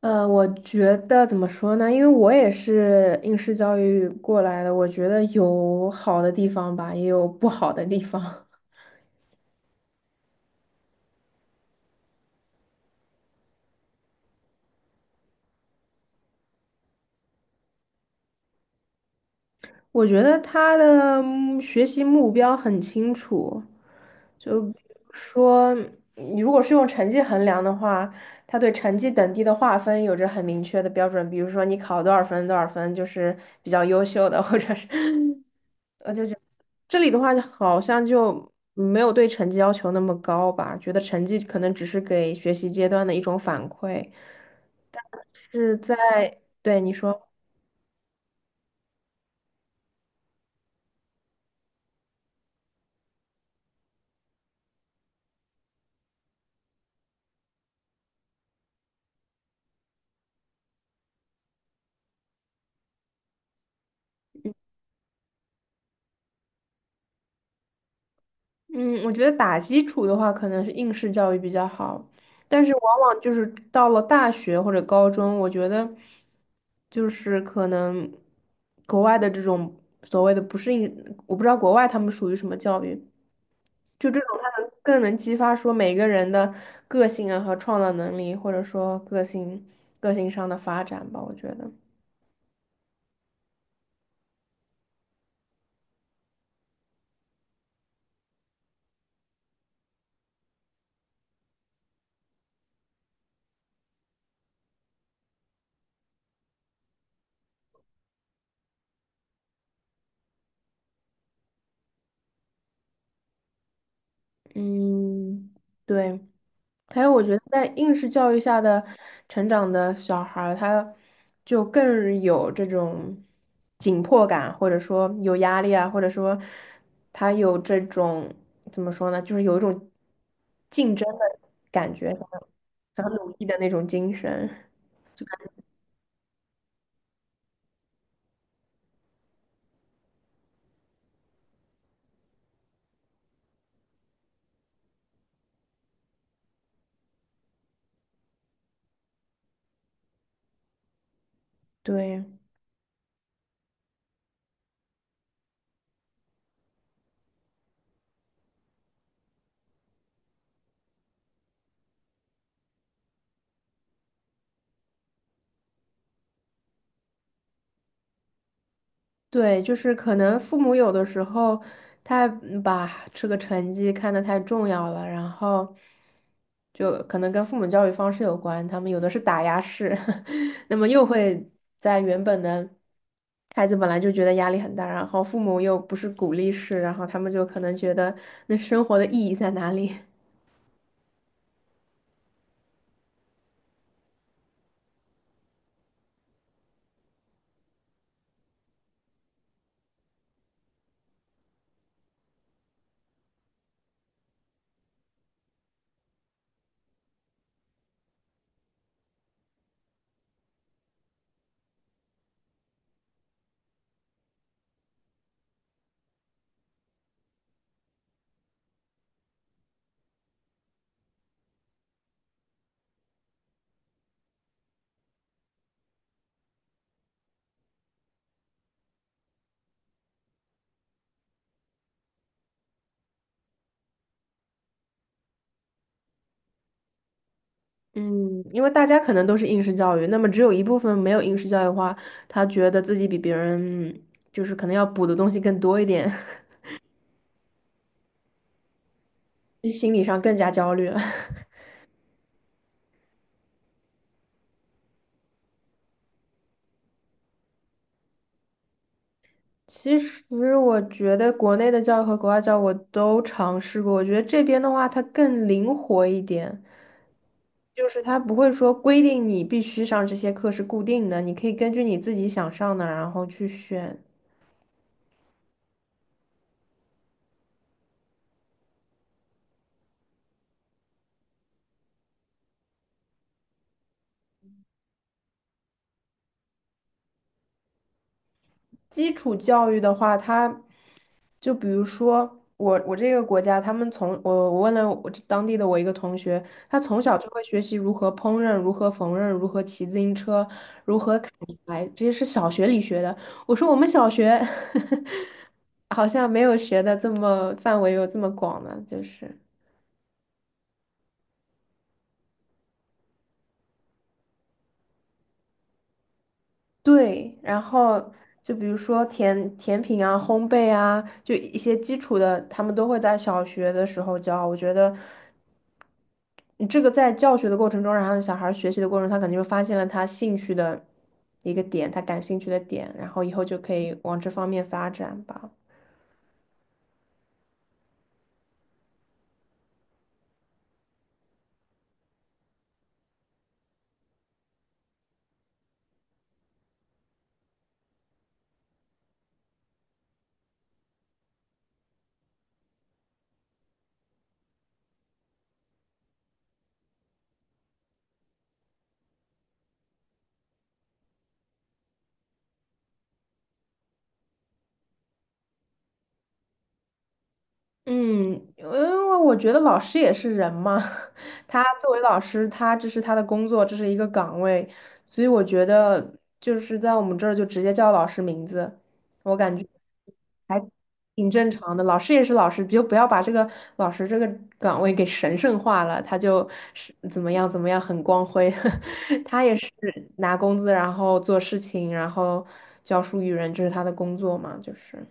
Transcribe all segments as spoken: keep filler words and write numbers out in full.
呃，我觉得怎么说呢？因为我也是应试教育过来的，我觉得有好的地方吧，也有不好的地方。我觉得他的嗯学习目标很清楚，就比如说，你如果是用成绩衡量的话，他对成绩等级的划分有着很明确的标准，比如说你考多少分，多少分就是比较优秀的，或者是 这里的话，好像就没有对成绩要求那么高吧，觉得成绩可能只是给学习阶段的一种反馈，是在，对，你说，嗯，我觉得打基础的话，可能是应试教育比较好，但是往往就是到了大学或者高中，我觉得就是可能国外的这种所谓的不是应，我不知道国外他们属于什么教育，就这种，他能更能激发说每个人的个性啊和创造能力，或者说个性个性上的发展吧，我觉得。嗯，对。还有，我觉得在应试教育下的成长的小孩儿他就更有这种紧迫感，或者说有压力啊，或者说他有这种怎么说呢，就是有一种竞争的感觉，很努力的那种精神。对。对，就是可能父母有的时候他嗯把这个成绩看得太重要了，然后就可能跟父母教育方式有关，他们有的是打压式，那么又会在原本的孩子本来就觉得压力很大，然后父母又不是鼓励式，然后他们就可能觉得那生活的意义在哪里？嗯，因为大家可能都是应试教育，那么只有一部分没有应试教育的话，他觉得自己比别人就是可能要补的东西更多一点。就心理上更加焦虑了。其实我觉得国内的教育和国外教育我都尝试过，我觉得这边的话它更灵活一点，就是它不会说规定你必须上这些课是固定的，你可以根据你自己想上的然后去选。基础教育的话，它。就比如说我我这个国家，他们从我我问了我这当地的我一个同学，他从小就会学习如何烹饪、如何缝纫、如何骑自行车、如何砍柴，这些是小学里学的。我说我们小学 好像没有学的这么范围有这么广呢，就是对，然后。就比如说甜甜品啊、烘焙啊，就一些基础的，他们都会在小学的时候教。我觉得你这个在教学的过程中，然后小孩儿学习的过程中，他肯定就发现了他兴趣的一个点，他感兴趣的点，然后以后就可以往这方面发展吧。嗯，因为我觉得老师也是人嘛，他作为老师，他这是他的工作，这是一个岗位，所以我觉得就是在我们这儿就直接叫老师名字，我感觉还挺正常的。老师也是老师，就不要把这个老师这个岗位给神圣化了，他就是怎么样怎么样很光辉，他也是拿工资，然后做事情，然后教书育人，这是他的工作嘛，就是。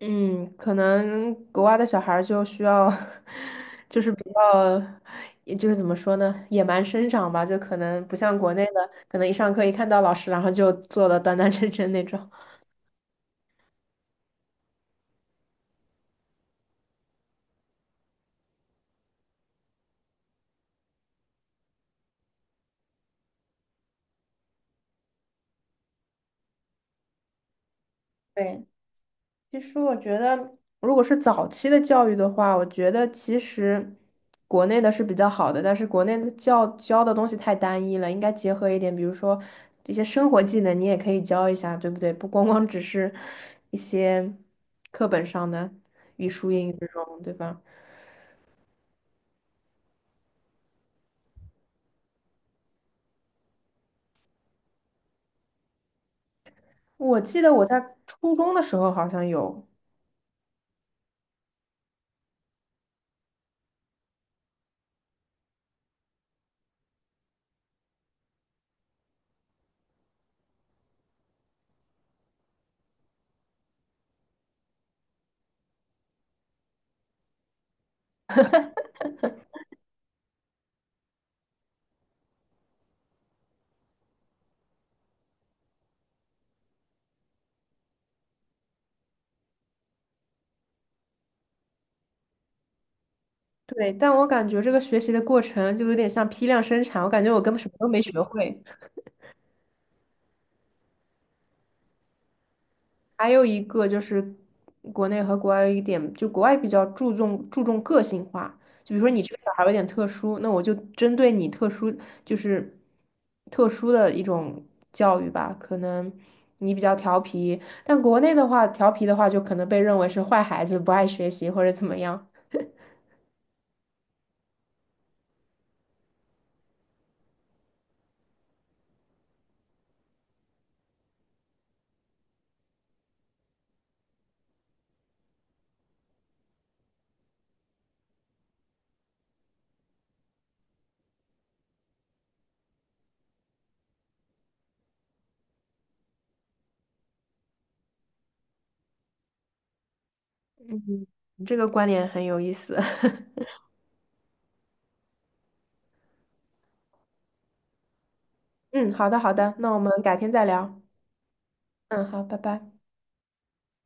嗯，可能国外的小孩儿就需要，就是比较，也就是怎么说呢，野蛮生长吧，就可能不像国内的，可能一上课一看到老师，然后就坐的端端 正正那种。对，其实我觉得，如果是早期的教育的话，我觉得其实国内的是比较好的，但是国内的教教的东西太单一了，应该结合一点，比如说这些生活技能，你也可以教一下，对不对？不光光只是一些课本上的语数英语这种，对吧？我记得我在初中的时候好像有，对，但我感觉这个学习的过程就有点像批量生产，我感觉我根本什么都没学会。还有一个就是国内和国外有一点，就国外比较注重注重个性化，就比如说你这个小孩儿有点特殊，那我就针对你特殊，就是特殊的一种教育吧。可能你比较调皮，但国内的话，调皮的话就可能被认为是坏孩子，不爱学习或者怎么样。你这个观点很有意思。嗯，好的好的，那我们改天再聊。嗯，好，拜拜。